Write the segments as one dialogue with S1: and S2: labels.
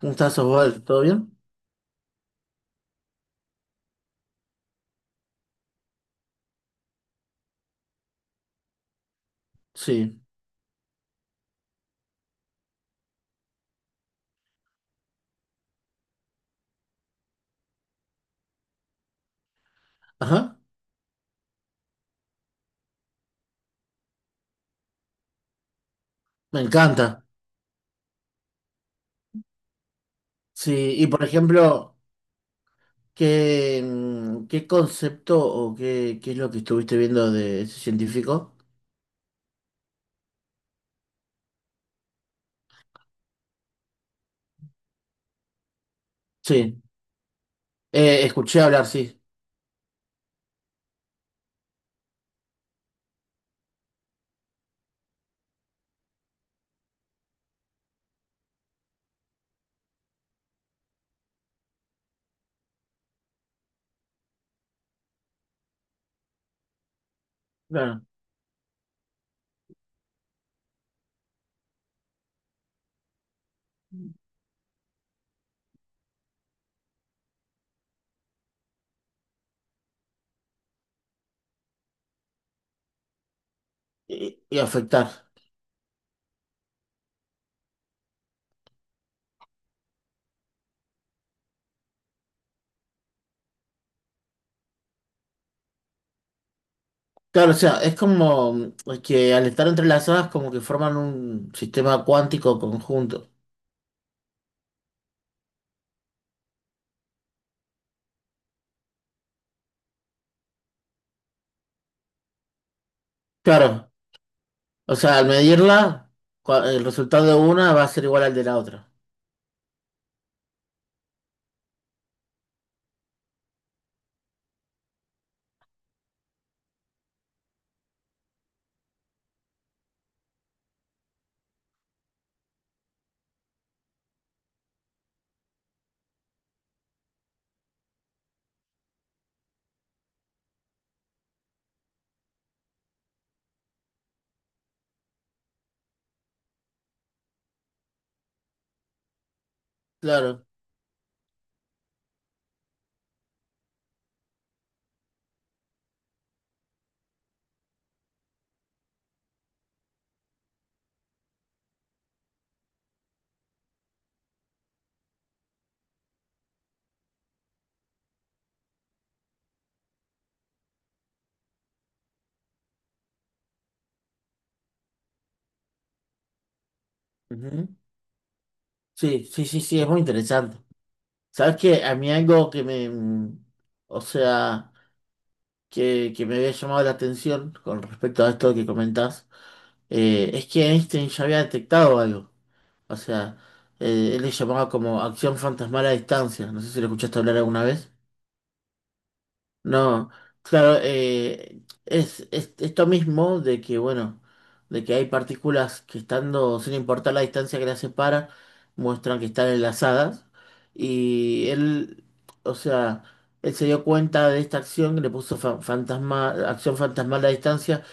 S1: Un estás, Osvaldo? ¿Todo bien? Sí. Ajá, me encanta. Sí, y por ejemplo, ¿qué, qué concepto o qué es lo que estuviste viendo de ese científico? Sí, escuché hablar, sí, claro. Y afectar. Claro, o sea, es como que al estar entrelazadas como que forman un sistema cuántico conjunto. Claro, o sea, al medirla, cua- el resultado de una va a ser igual al de la otra. Claro. Ujú. Sí, sí, sí, sí, es muy interesante. ¿Sabes qué? A mí algo que me, o sea, que me había llamado la atención con respecto a esto que comentás, es que Einstein ya había detectado algo. O sea, él le llamaba como acción fantasmal a distancia. No sé si lo escuchaste hablar alguna vez. No, claro, es esto mismo de que, bueno, de que hay partículas que estando, sin importar la distancia que las separa, muestran que están enlazadas. Y él, o sea, él se dio cuenta de esta acción, le puso fa- fantasma, acción fantasmal a la distancia,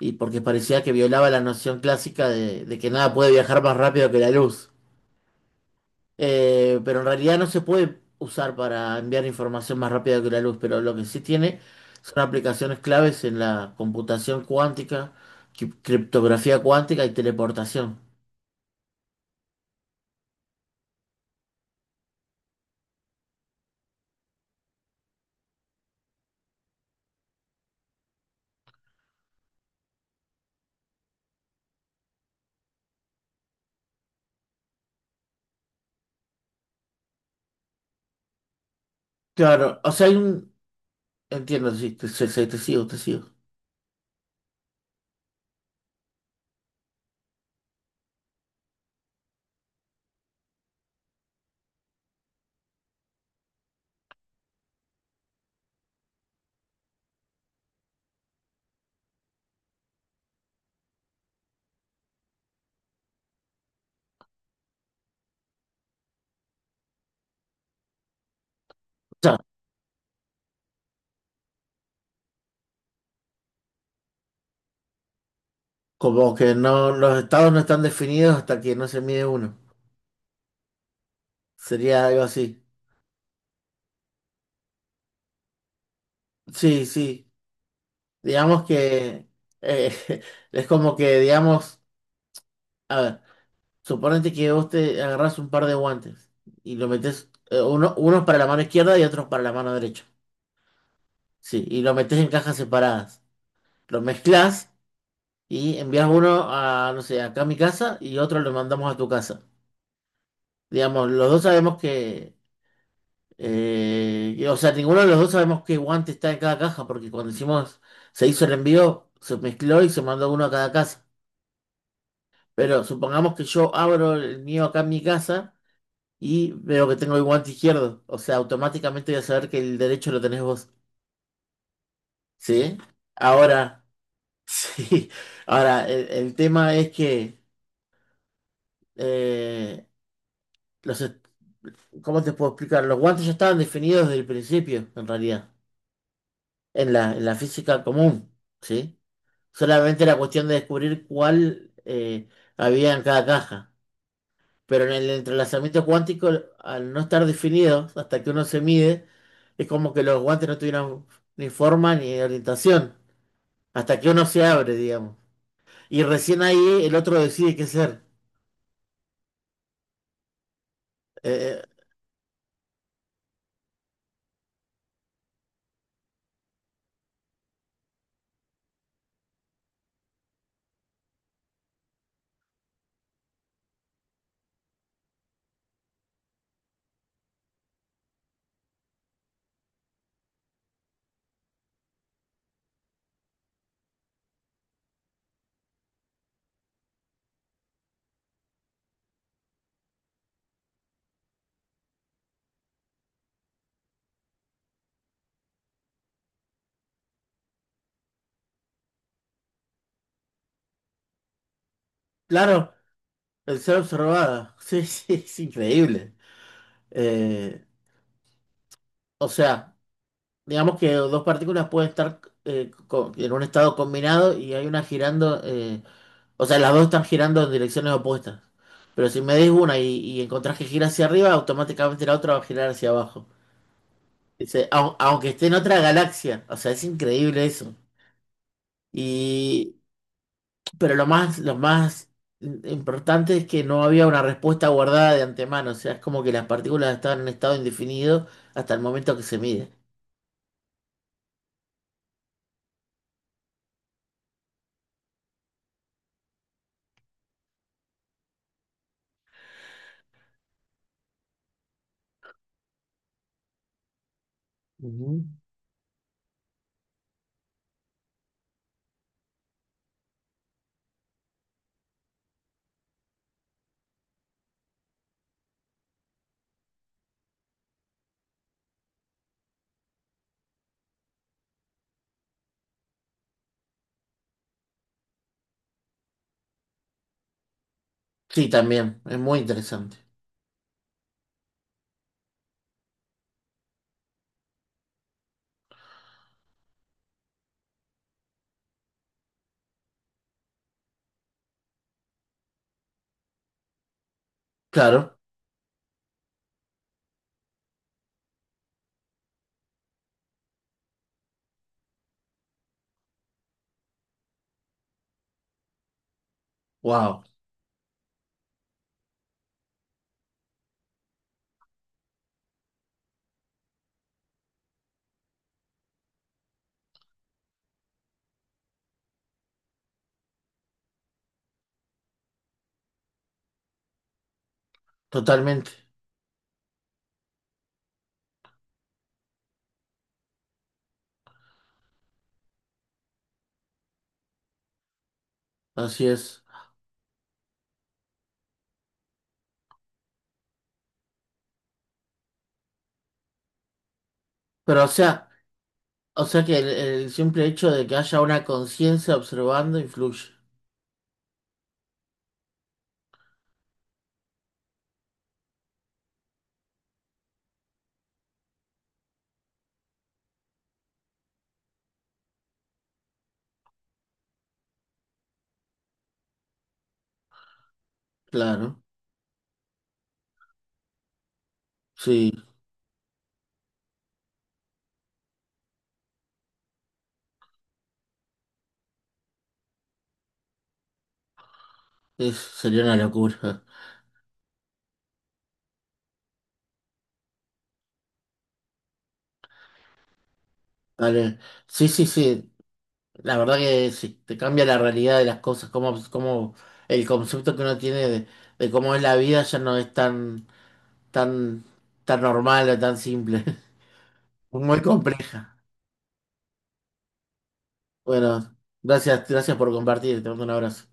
S1: y porque parecía que violaba la noción clásica de que nada puede viajar más rápido que la luz. Pero en realidad no se puede usar para enviar información más rápida que la luz, pero lo que sí tiene son aplicaciones claves en la computación cuántica, cri- criptografía cuántica y teleportación. Claro, o sea, hay un... Entiendo, sí, te, sí, sí, te sigo, te sigo. O sea, como que no, los estados no están definidos hasta que no se mide uno. Sería algo así. Sí, sí. Digamos que eh, es como que, digamos, a ver. Suponete que vos te agarrás un par de guantes y lo metes, uno, unos para la mano izquierda y otros para la mano derecha. Sí, y lo metes en cajas separadas. Lo mezclas y envías uno a, no sé, acá a mi casa y otro lo mandamos a tu casa. Digamos, los dos sabemos que- o sea, ninguno de los dos sabemos qué guante está en cada caja porque cuando hicimos, se hizo el envío, se mezcló y se mandó uno a cada casa. Pero supongamos que yo abro el mío acá en mi casa y veo que tengo el guante izquierdo. O sea, automáticamente voy a saber que el derecho lo tenés vos. ¿Sí? Ahora, sí. Ahora, el tema es que, eh, los, est- ¿cómo te puedo explicar? Los guantes ya estaban definidos desde el principio, en realidad, en la física común, ¿sí? Solamente era cuestión de descubrir cuál había en cada caja. Pero en el entrelazamiento cuántico, al no estar definido, hasta que uno se mide, es como que los guantes no tuvieron ni forma ni orientación, hasta que uno se abre, digamos. Y recién ahí el otro decide qué ser. Eh, claro, el ser observada. Sí, sí, es increíble. Eh, o sea, digamos que dos partículas pueden estar co- en un estado combinado y hay una girando, o sea, las dos están girando en direcciones opuestas. Pero si me des una y encontrás que gira hacia arriba, automáticamente la otra va a girar hacia abajo. Dice, "Au- aunque esté en otra galaxia, o sea, es increíble eso. Y, pero lo más importante es que no había una respuesta guardada de antemano, o sea, es como que las partículas estaban en estado indefinido hasta el momento que se mide. Ujú. Sí, también, es muy interesante. Claro, wow, totalmente, así es. Pero o sea que el simple hecho de que haya una conciencia observando influye. Claro, sí, es- sería una locura. Vale, sí, sí, sí. La verdad que sí, te cambia la realidad de las cosas, cómo, cómo el concepto que uno tiene de cómo es la vida ya no es tan, tan, tan normal o tan simple, muy compleja. Bueno, gracias, gracias por compartir, te mando un abrazo.